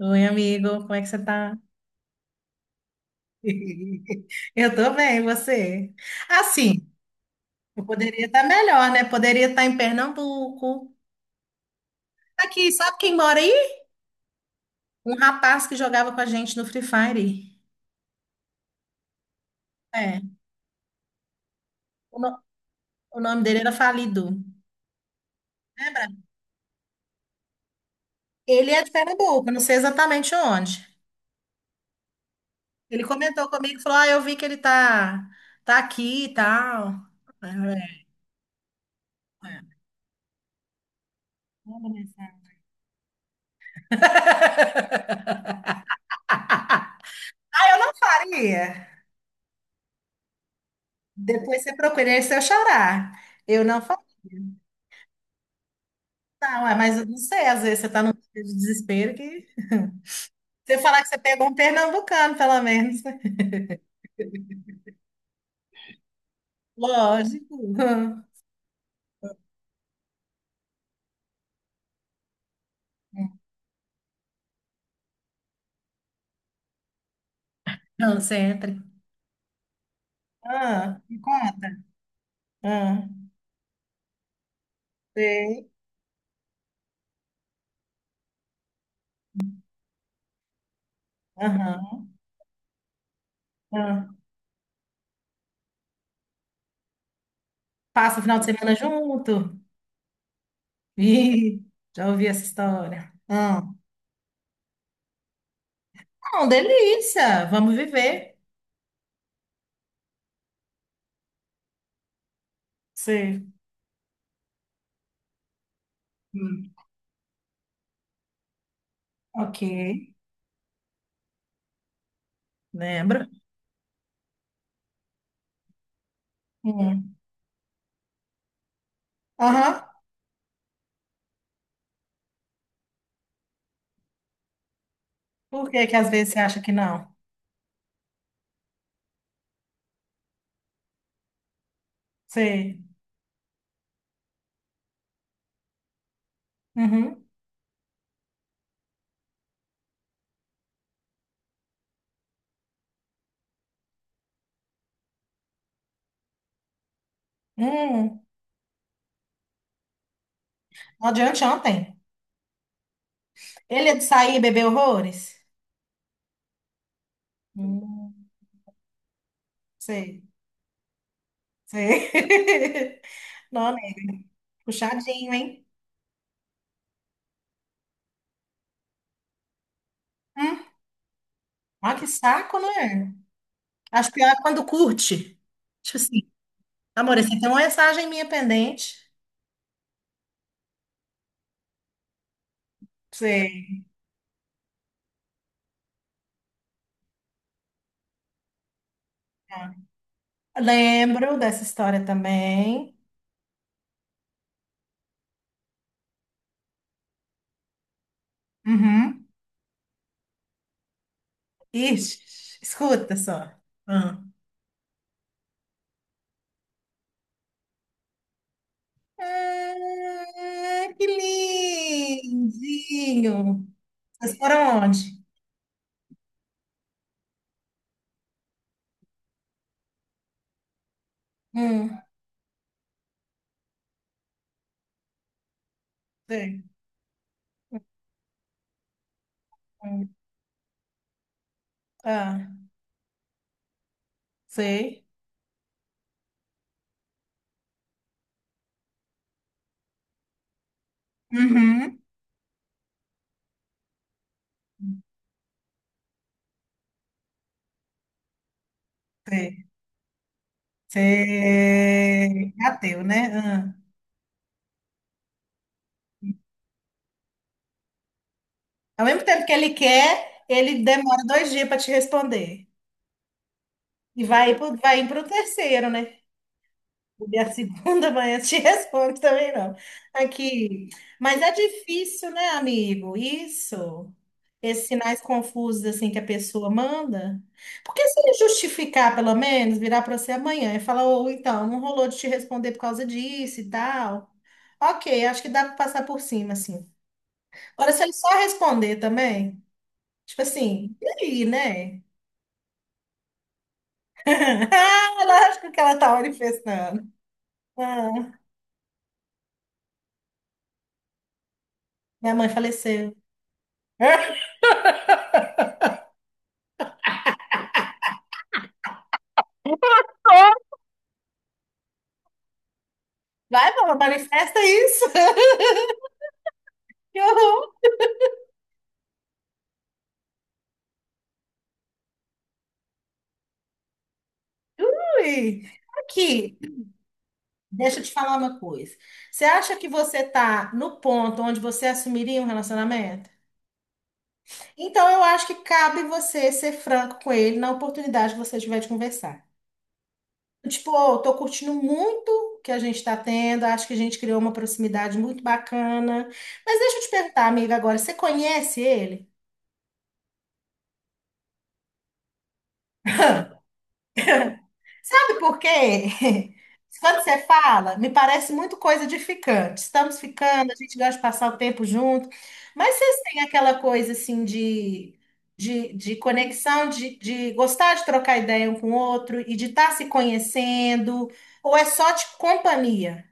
Oi, amigo, como é que você tá? Eu tô bem, e você? Assim, eu poderia estar melhor, né? Poderia estar em Pernambuco. Aqui, sabe quem mora aí? Um rapaz que jogava com a gente no Free Fire. É, o, no- o nome dele era Falido. Lembra? Ele é de Pernambuco, não sei exatamente onde. Ele comentou comigo, falou: Ah, eu vi que ele tá aqui e tal. É, é. Manda mensagem. Ah, eu não faria. Depois você procura, esse é o xará. Eu não falo, não, é, mas eu não sei, às vezes você está num dia de desespero que você falar que você pegou um pernambucano, pelo menos. Lógico. Não, sempre. Ah, me conta. Ah, sei. Aham, ah. Passa o final de semana junto. Ih, já ouvi essa história. Ah, não, delícia. Vamos viver. Sei. Hum, ok. Lembro. Hum. Aham. Por que que às vezes você acha que não? Sei. Uhum. Hum. No de anteontem. Ele é de sair e beber horrores? Hum. Sei. Sei. Não, né? Puxadinho, hein? Hum. Olha que saco, né? Acho pior é quando curte. Tipo assim, amor, você tem uma mensagem minha pendente. Sei. Lembro dessa história também. Uhum. Ixi, escuta só. Ah, ah, que lindinho. Vocês foram onde? Hum, sei. Hum, ah, sei. Uhum. Sei. Sei. Ateu, né? Ah. Ao mesmo tempo que ele quer, ele demora 2 dias para te responder. E vai, vai indo para o terceiro, né? E a segunda manhã te responde também não. Aqui. Mas é difícil, né, amigo? Isso. Esses sinais confusos assim que a pessoa manda. Porque se ele justificar, pelo menos, virar para você amanhã e falar, ou então, não rolou de te responder por causa disso e tal. Ok, acho que dá para passar por cima, assim. Agora, se ele só responder também, tipo assim, e aí, né? Ah, lógico que ela tá manifestando. Ah, minha mãe faleceu. Vai, pô, manifesta isso. Que horror, Luiz. Aqui, deixa eu te falar uma coisa. Você acha que você tá no ponto onde você assumiria um relacionamento? Então, eu acho que cabe você ser franco com ele na oportunidade que você tiver de conversar. Tipo, oh, tô curtindo muito o que a gente tá tendo, acho que a gente criou uma proximidade muito bacana. Mas deixa eu te perguntar, amiga, agora, você conhece ele? Sabe por quê? Quando você fala, me parece muito coisa de ficante. Estamos ficando, a gente gosta de passar o tempo junto. Mas vocês têm aquela coisa assim de de conexão, de gostar de trocar ideia um com o outro e de estar se conhecendo? Ou é só de companhia?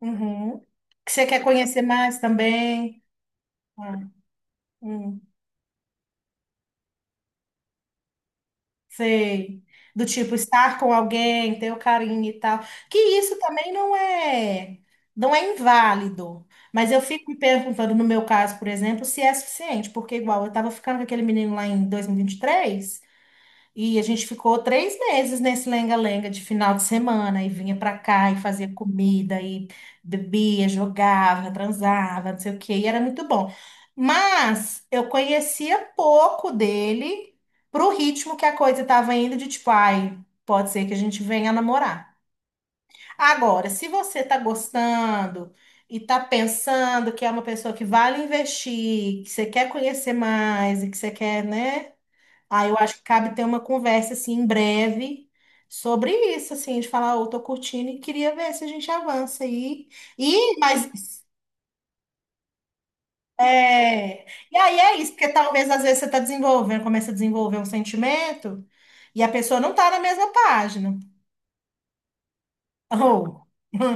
Uhum. Que você quer conhecer mais também? Ah, uhum. Sei. Do tipo, estar com alguém, ter o carinho e tal. Que isso também não é, não é inválido. Mas eu fico me perguntando, no meu caso, por exemplo, se é suficiente, porque igual eu estava ficando com aquele menino lá em dois mil e vinte e três e a gente ficou 3 meses nesse lenga-lenga de final de semana, e vinha pra cá e fazia comida, e bebia, jogava, transava, não sei o quê, e era muito bom. Mas eu conhecia pouco dele pro ritmo que a coisa estava indo, de tipo, ai, pode ser que a gente venha namorar. Agora, se você tá gostando e tá pensando que é uma pessoa que vale investir, que você quer conhecer mais e que você quer, né? Aí eu acho que cabe ter uma conversa assim em breve sobre isso, assim, de falar, eu tô curtindo e queria ver se a gente avança aí. E, mas é, e aí é isso, porque talvez às vezes você tá desenvolvendo, começa a desenvolver um sentimento e a pessoa não tá na mesma página. Ou,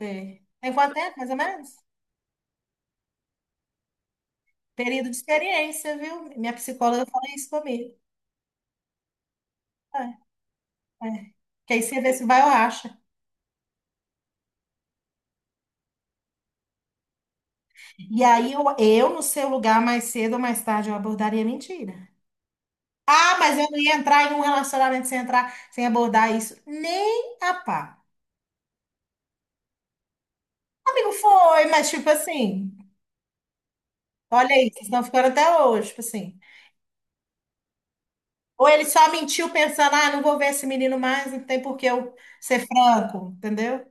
é. Tem quanto tempo, mais ou menos? Período de experiência, viu? Minha psicóloga fala isso comigo. É, é. Que aí você vê se vai ou acha. E aí eu, no seu lugar, mais cedo ou mais tarde, eu abordaria a mentira. Ah, mas eu não ia entrar em um relacionamento sem entrar, sem abordar isso. Nem a pá. Amigo, foi, mas tipo assim, olha aí, vocês estão ficando até hoje, tipo assim. Ou ele só mentiu pensando, ah, não vou ver esse menino mais, não tem por que eu ser franco, entendeu?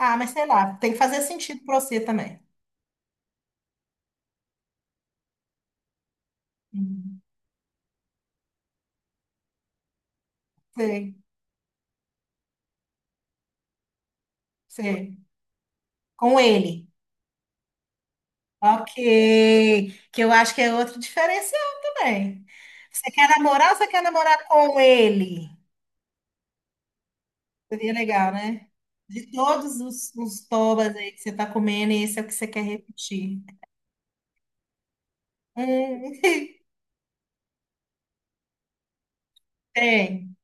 Ah, mas sei lá, tem que fazer sentido pra você também. Uhum. Sei, sei. Com ele. Ok, que eu acho que é outro diferencial também. Você quer namorar ou você quer namorar com ele? Seria legal, né? De todos os tobas aí que você tá comendo, esse é o que você quer repetir. Hum, tem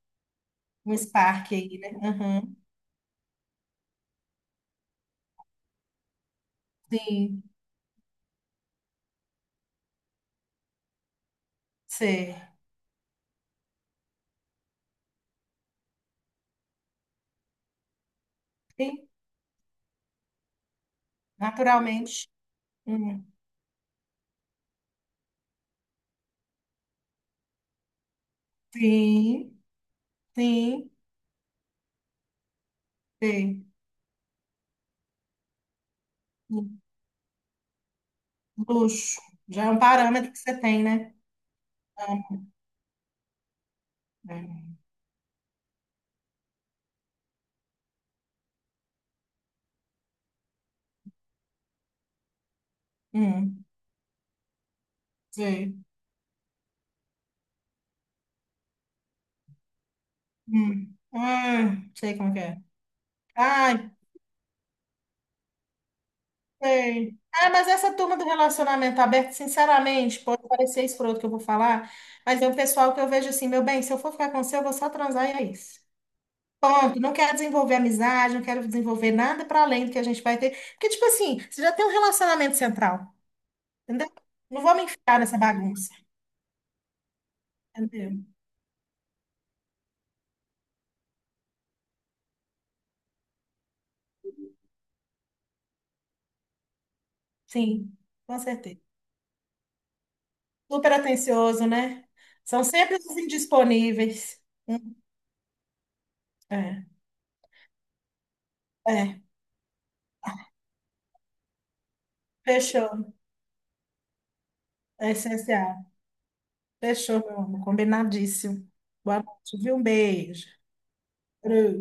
um Spark aí, né? Uhum. Sim, sim, sim, naturalmente. Hum, Sim, sim, sim. Luxo. Já é um parâmetro que você tem, né? É. Hum, sei. Hum. Ah, sei como que é. Ai, sei. Ah, mas essa turma do relacionamento aberto, sinceramente, pode parecer escroto que eu vou falar, mas é o pessoal que eu vejo assim, meu bem, se eu for ficar com você, eu vou só transar e é isso. Ponto. Não quero desenvolver amizade, não quero desenvolver nada para além do que a gente vai ter. Porque, tipo assim, você já tem um relacionamento central, entendeu? Não vou me enfiar nessa bagunça, entendeu? Sim, com certeza. Super atencioso, né? São sempre os indisponíveis. Hum, É, é. Fechou. É essencial. Fechou, meu amor. Combinadíssimo. Boa noite, viu? Um beijo. Beijo.